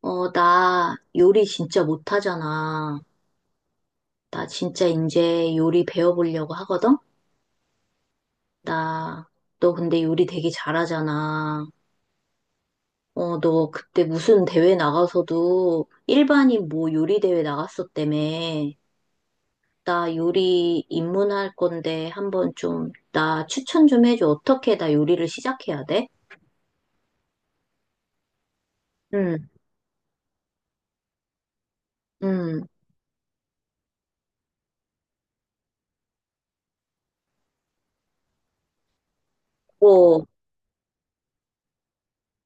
나 요리 진짜 못하잖아. 나 진짜 이제 요리 배워보려고 하거든? 나, 너 근데 요리 되게 잘하잖아. 너 그때 무슨 대회 나가서도 일반인 뭐 요리 대회 나갔었다며. 나 요리 입문할 건데 한번 좀, 나 추천 좀 해줘. 어떻게 나 요리를 시작해야 돼? 응, 응, 어,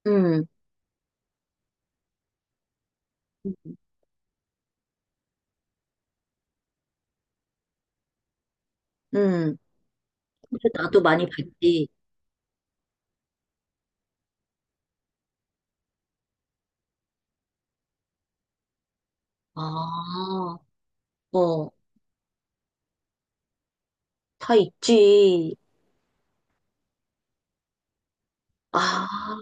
응, 응. 그래서 나도 많이 봤지. 아, 어. 다 있지. 아,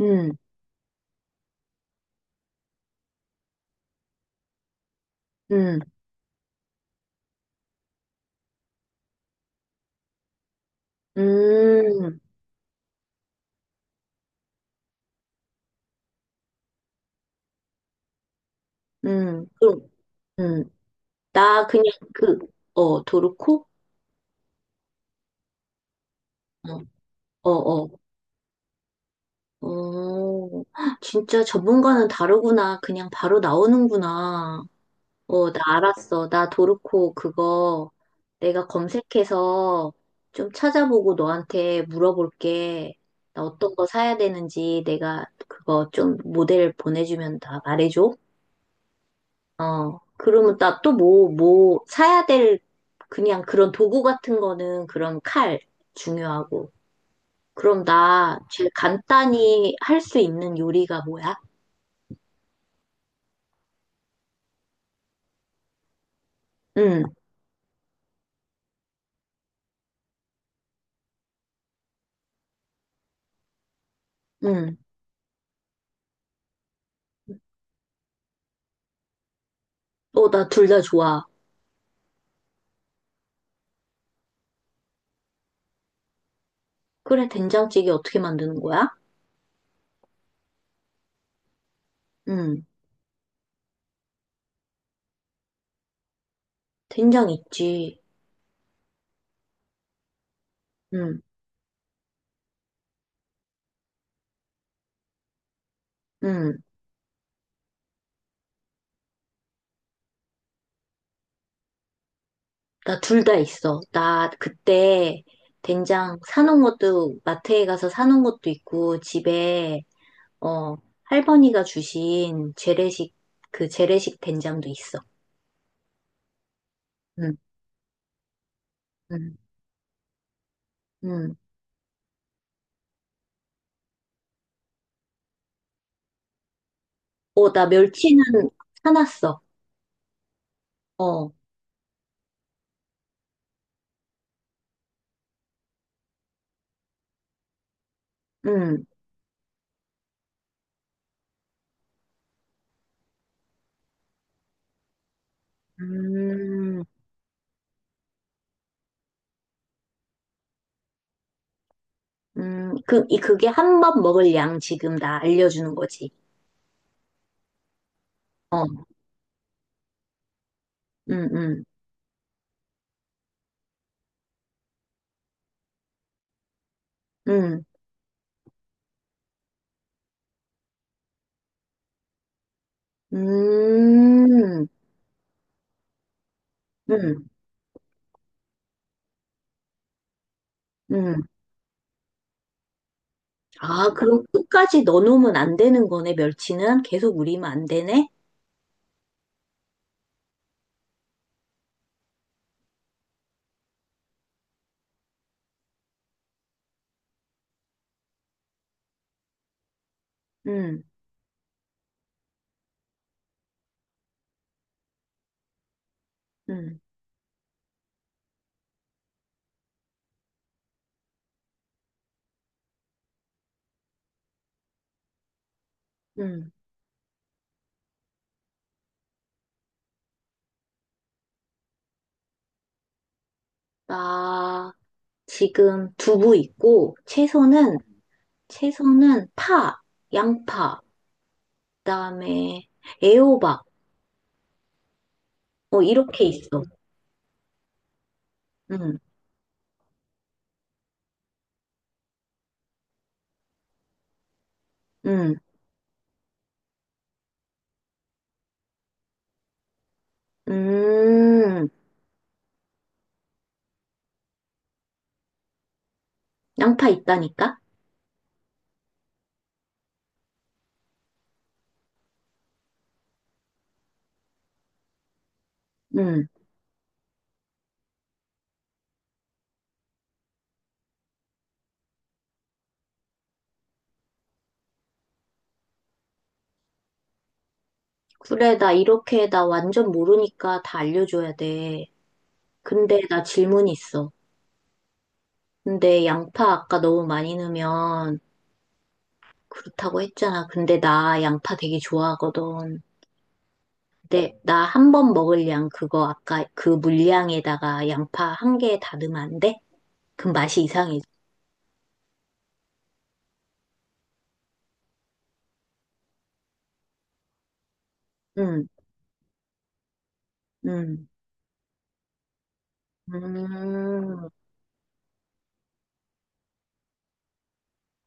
음, 음, 음, 그럼, 음. 나 그냥 그, 어, 도르코? 어, 어, 어. 어, 진짜 전문가는 다르구나. 그냥 바로 나오는구나. 어, 나 알았어. 나 도르코 그거 내가 검색해서 좀 찾아보고 너한테 물어볼게. 나 어떤 거 사야 되는지 내가 그거 좀 모델 보내주면 다 말해줘. 어, 그러면 나 또 뭐, 사야 될, 그냥 그런 도구 같은 거는 그런 칼 중요하고. 그럼 나 제일 간단히 할 수 있는 요리가 뭐야? 응, 응. 어, 나 둘 다 좋아. 그래, 된장찌개 어떻게 만드는 거야? 응, 된장 있지. 응, 응. 나 둘 다 있어. 나 그때 된장 사놓은 것도, 마트에 가서 사놓은 것도 있고, 집에 어, 할머니가 주신 재래식, 그 재래식 된장도 있어. 응, 응, 응. 어, 나 멸치는 사놨어. 어, 응. 음, 그, 이, 그게 한 번 먹을 양 지금 나 알려주는 거지. 어, 응, 응, 응, 음, 응, 응. 아, 그럼 끝까지 넣어놓으면 안 되는 거네, 멸치는? 계속 우리면 안 되네? 응, 응, 응. 나, 지금 두부 있고 채소는 파, 양파, 그다음에 애호박 어 이렇게 있어. 응 응 음, 양파 있다니까? 응 그래 나 이렇게 나 완전 모르니까 다 알려줘야 돼. 근데 나 질문이 있어. 근데 양파 아까 너무 많이 넣으면 그렇다고 했잖아. 근데 나 양파 되게 좋아하거든. 네, 나 한 번 먹을 양 그거 아까 그 물량에다가 양파 한 개 다듬으면 안 돼? 그럼 맛이 이상해져. 응, 응, 음,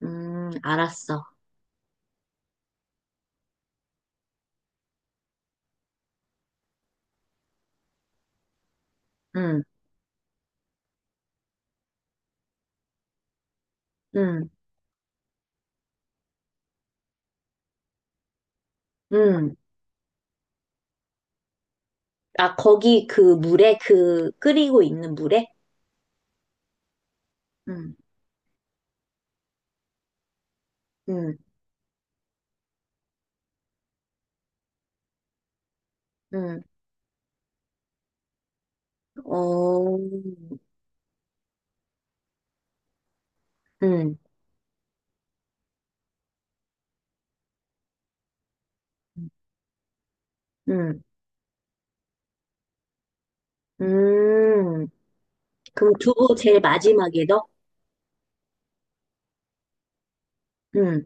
알았어. 응, 응, 응. 아, 거기 그 물에, 그 끓이고 있는 물에? 응, 응, 응. 어, 응, 응, 음. 그럼 두부 제일 마지막에 넣어? 응,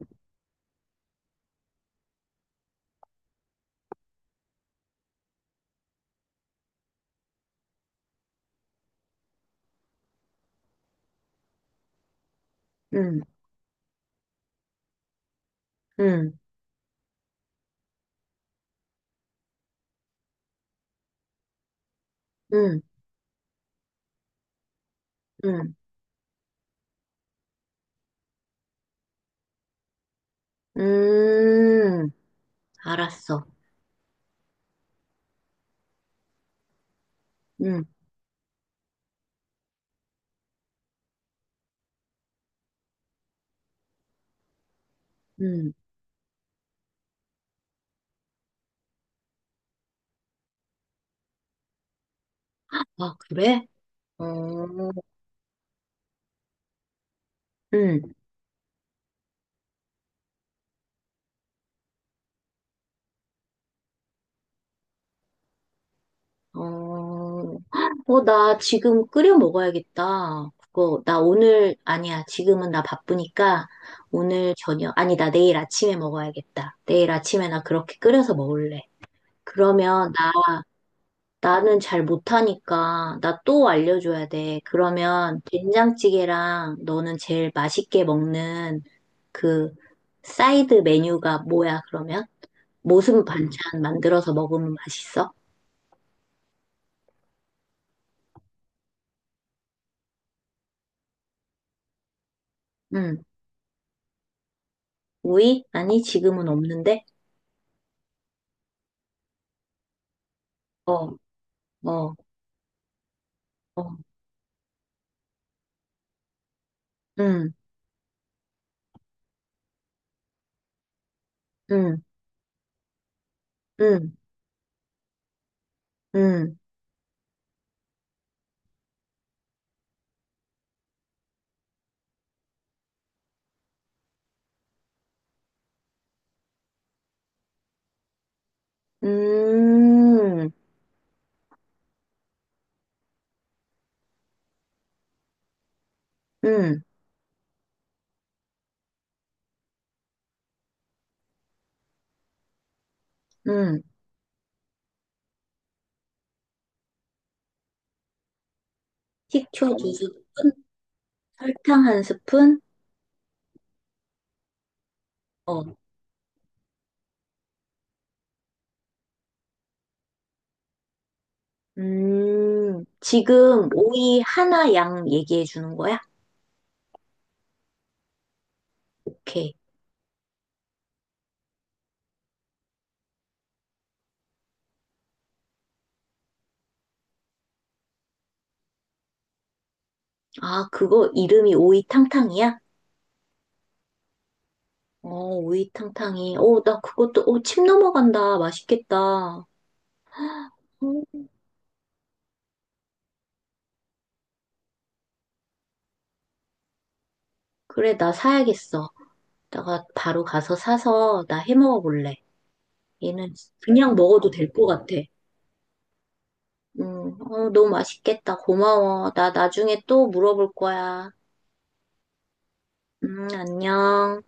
응, 응, 응, 응, 음, 알았어. 음. 음. 아, 그래? 어, 응 어, 어, 나 지금 끓여 먹어야겠다. 그거, 나 오늘, 아니야. 지금은 나 바쁘니까 오늘 저녁, 아니, 나 내일 아침에 먹어야겠다. 내일 아침에 나 그렇게 끓여서 먹을래. 그러면 나, 나는 잘 못하니까 나 또 알려줘야 돼. 그러면 된장찌개랑 너는 제일 맛있게 먹는 그 사이드 메뉴가 뭐야, 그러면? 모습 반찬 만들어서 먹으면 맛있어? 응. 오이 아니, 지금은 없는데? 어, 어, 어. 응, 응, 응, 응, 음, 응, 응. 식초 두 스푼, 설탕 한 스푼? 어, 지금 오이 하나 양 얘기해 주는 거야? 오케이. 아, 그거 이름이 오이탕탕이야? 어, 오이탕탕이. 어, 나 그것도, 어, 침 넘어간다. 맛있겠다. 어, 그래, 나 사야겠어. 내가 바로 가서 사서 나 해 먹어 볼래. 얘는 그냥 먹어도 될 것 같아. 어, 너무 맛있겠다. 고마워. 나 나중에 또 물어볼 거야. 안녕.